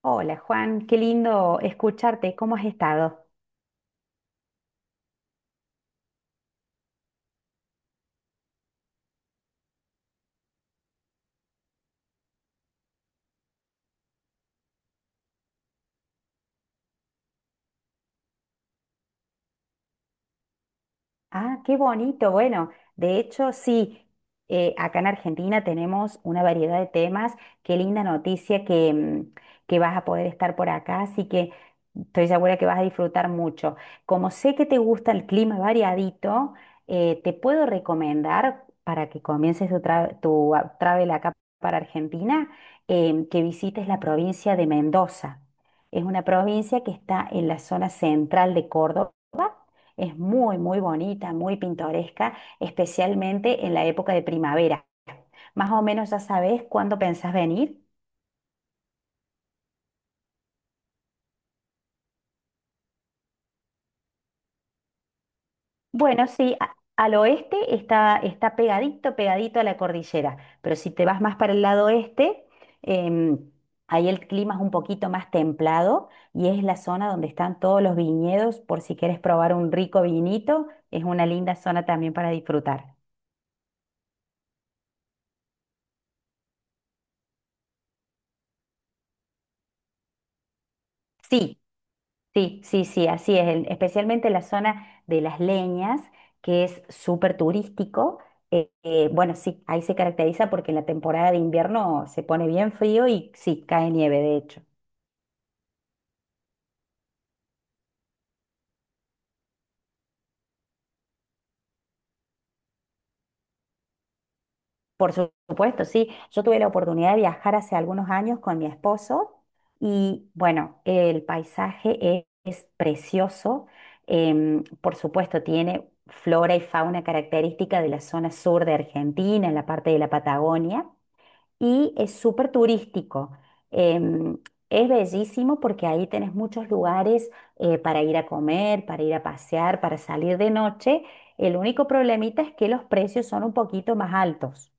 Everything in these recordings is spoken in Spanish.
Hola Juan, qué lindo escucharte. ¿Cómo has estado? Ah, qué bonito. Bueno, de hecho, sí, acá en Argentina tenemos una variedad de temas. Qué linda noticia que que vas a poder estar por acá, así que estoy segura que vas a disfrutar mucho. Como sé que te gusta el clima variadito, te puedo recomendar para que comiences tu travel acá para Argentina, que visites la provincia de Mendoza. Es una provincia que está en la zona central de Córdoba, es muy, muy bonita, muy pintoresca, especialmente en la época de primavera. Más o menos ya sabes cuándo pensás venir. Bueno, sí, al oeste está, está pegadito, pegadito a la cordillera, pero si te vas más para el lado este, em, ahí el clima es un poquito más templado y es la zona donde están todos los viñedos, por si quieres probar un rico vinito. Es una linda zona también para disfrutar. Sí. Sí, sí, sí, así es, especialmente la zona de Las Leñas, que es súper turístico. Bueno, sí, ahí se caracteriza porque en la temporada de invierno se pone bien frío y sí, cae nieve, de hecho. Supuesto, sí, yo tuve la oportunidad de viajar hace algunos años con mi esposo y bueno, el paisaje es precioso. Por supuesto, tiene flora y fauna característica de la zona sur de Argentina, en la parte de la Patagonia. Y es súper turístico. Em, es bellísimo porque ahí tenés muchos lugares para ir a comer, para ir a pasear, para salir de noche. El único problemita es que los precios son un poquito más altos.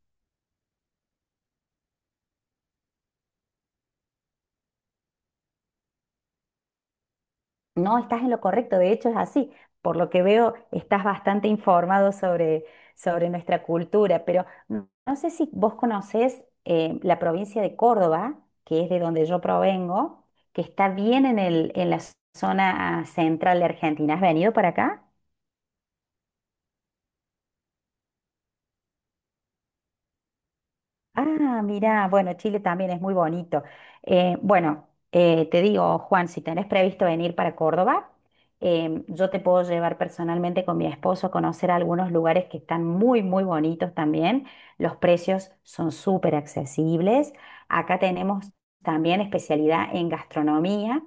No, estás en lo correcto, de hecho es así. Por lo que veo, estás bastante informado sobre nuestra cultura, pero no sé si vos conocés la provincia de Córdoba, que es de donde yo provengo, que está bien en la zona central de Argentina. ¿Has venido para acá? Ah, mira, bueno, Chile también es muy bonito. Bueno, Te digo, Juan, si tenés previsto venir para Córdoba, yo te puedo llevar personalmente con mi esposo a conocer algunos lugares que están muy, muy bonitos también. Los precios son súper accesibles. Acá tenemos también especialidad en gastronomía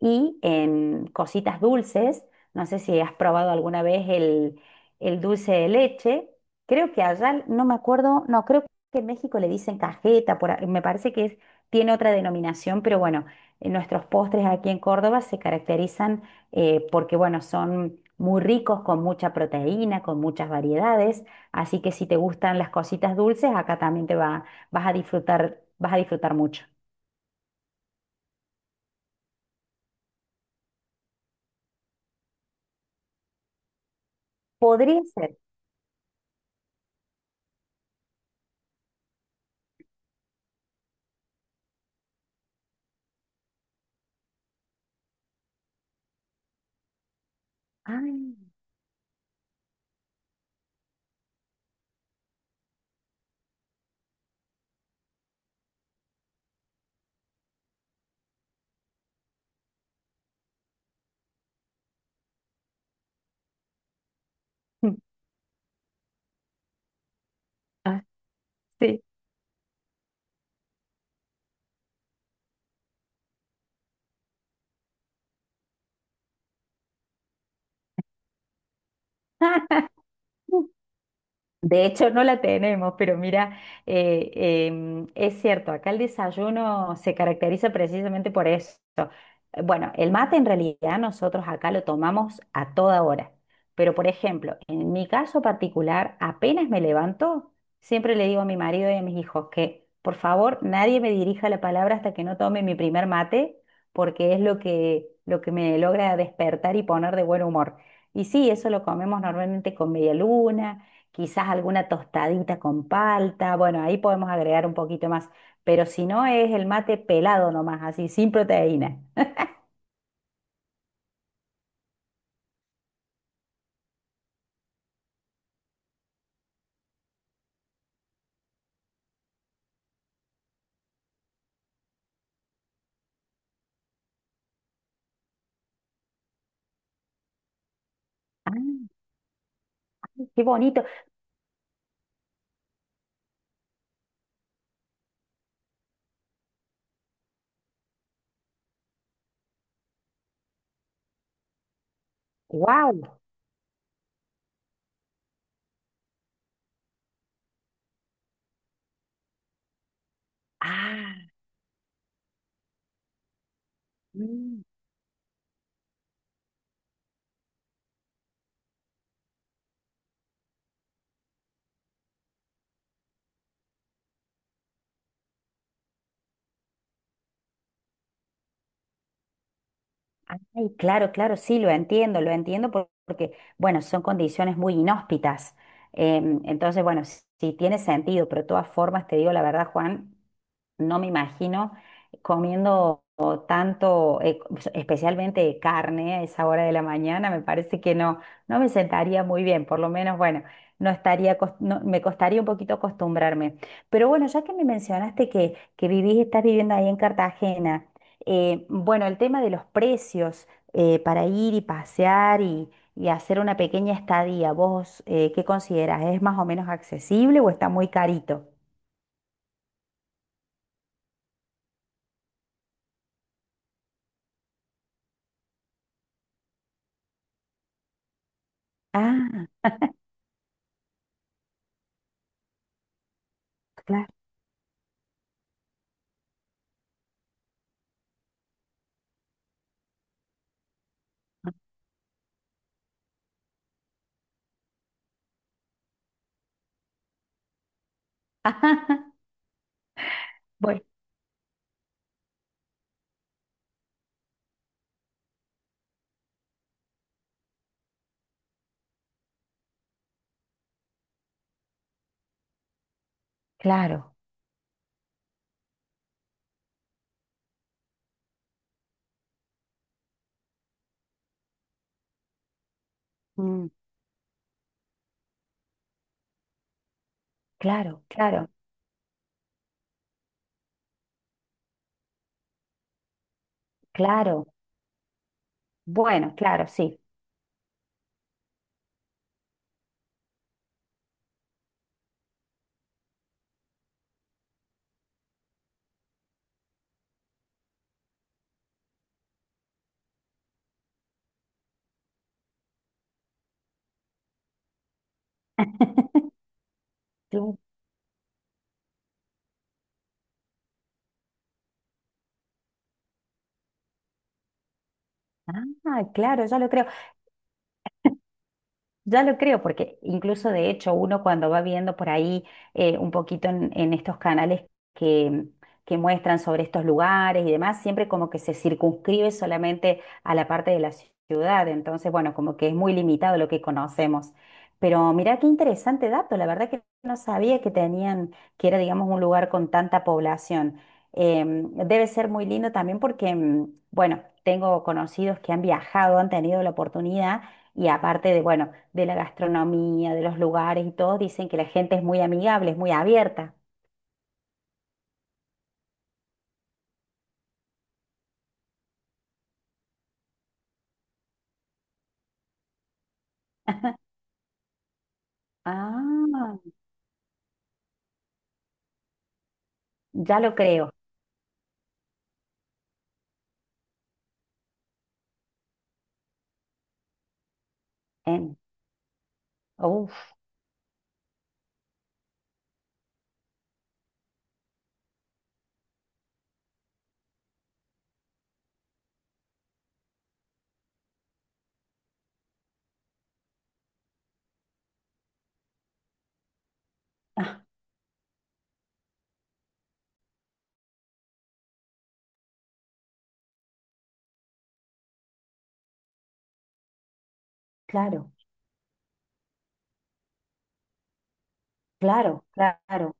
y en cositas dulces. No sé si has probado alguna vez el dulce de leche. Creo que allá, no me acuerdo, no, creo que en México le dicen cajeta, me parece que tiene otra denominación, pero bueno, nuestros postres aquí en Córdoba se caracterizan porque, bueno, son muy ricos, con mucha proteína, con muchas variedades, así que si te gustan las cositas dulces, acá también vas a disfrutar mucho. Podría ser. Ay, Ah, sí. De hecho, no la tenemos, pero mira, eh, es cierto, acá el desayuno se caracteriza precisamente por eso. Bueno, el mate en realidad nosotros acá lo tomamos a toda hora, pero por ejemplo, en mi caso particular, apenas me levanto, siempre le digo a mi marido y a mis hijos que por favor nadie me dirija la palabra hasta que no tome mi primer mate, porque es lo que me logra despertar y poner de buen humor. Y sí, eso lo comemos normalmente con media luna, quizás alguna tostadita con palta. Bueno, ahí podemos agregar un poquito más, pero si no, es el mate pelado nomás, así, sin proteína. Ah, qué bonito. ¡Wow! Ah, mm. Ay, claro, claro, sí, lo entiendo, lo entiendo porque, bueno, son condiciones muy inhóspitas. Entonces, bueno, sí, sí tiene sentido, pero de todas formas, te digo la verdad, Juan, no me imagino comiendo o tanto, especialmente carne a esa hora de la mañana. Me parece que no, no me sentaría muy bien. Por lo menos, bueno, no estaría, cos- no- me costaría un poquito acostumbrarme. Pero bueno, ya que me mencionaste que vivís, estás viviendo ahí en Cartagena. Bueno, el tema de los precios, para ir y pasear y hacer una pequeña estadía, ¿vos qué considerás? ¿Es más o menos accesible o está muy carito? Ah, claro. Ajá. Bueno, claro, mm, claro, claro, claro. Bueno, claro, sí. Cl- Ah, claro, ya lo creo. Ya lo creo, porque incluso de hecho uno cuando va viendo por ahí un poquito en estos canales que que muestran sobre estos lugares y demás, siempre como que se circunscribe solamente a la parte de la ciudad. Entonces bueno, como que es muy limitado lo que conocemos. Pero mirá qué interesante dato, la verdad que no sabía que tenían, que era digamos un lugar con tanta población. Debe ser muy lindo también porque, mm, bueno, tengo conocidos que han viajado, han tenido la oportunidad y aparte de, bueno, de la gastronomía, de los lugares y todo, dicen que la gente es muy amigable, es muy abierta. Ah, ya lo creo. En, uf, ah, claro, claro, claro.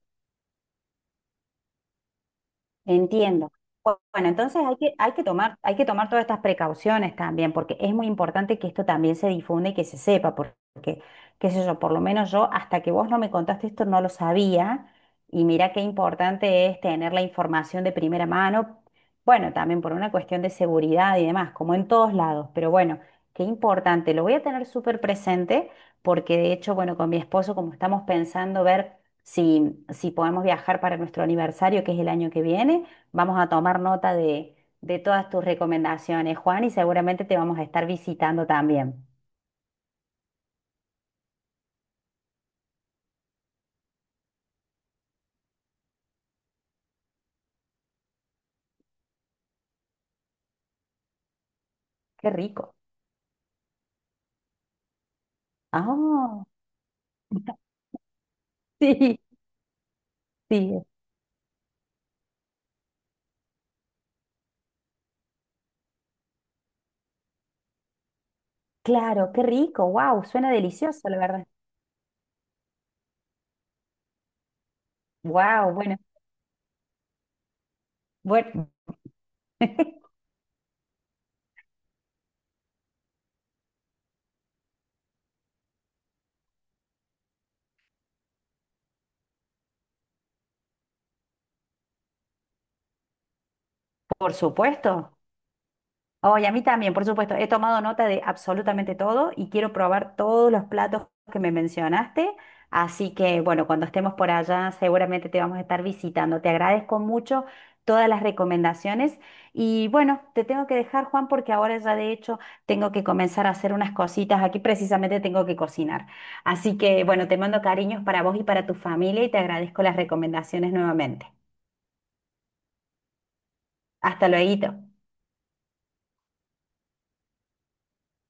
Entiendo. Bueno, entonces hay que tomar todas estas precauciones también, porque es muy importante que esto también se difunda y que se sepa, porque, qué sé yo, por lo menos yo, hasta que vos no me contaste esto, no lo sabía. Y mira qué importante es tener la información de primera mano. Bueno, también por una cuestión de seguridad y demás, como en todos lados, pero bueno, qué importante. Lo voy a tener súper presente, porque de hecho, bueno, con mi esposo, como estamos pensando ver. Si, si podemos viajar para nuestro aniversario, que es el año que viene, vamos a tomar nota de todas tus recomendaciones, Juan, y seguramente te vamos a estar visitando también. Qué rico. Ah, sí, sí, claro, qué rico. Wow, suena delicioso, la verdad. Wow, bueno, bueno, por supuesto. Oye, a mí también, por supuesto. He tomado nota de absolutamente todo y quiero probar todos los platos que me mencionaste. Así que, bueno, cuando estemos por allá, seguramente te vamos a estar visitando. Te agradezco mucho todas las recomendaciones. Y bueno, te tengo que dejar, Juan, porque ahora ya de hecho tengo que comenzar a hacer unas cositas. Aquí precisamente tengo que cocinar. Así que, bueno, te mando cariños para vos y para tu familia y te agradezco las recomendaciones nuevamente. Hasta luego.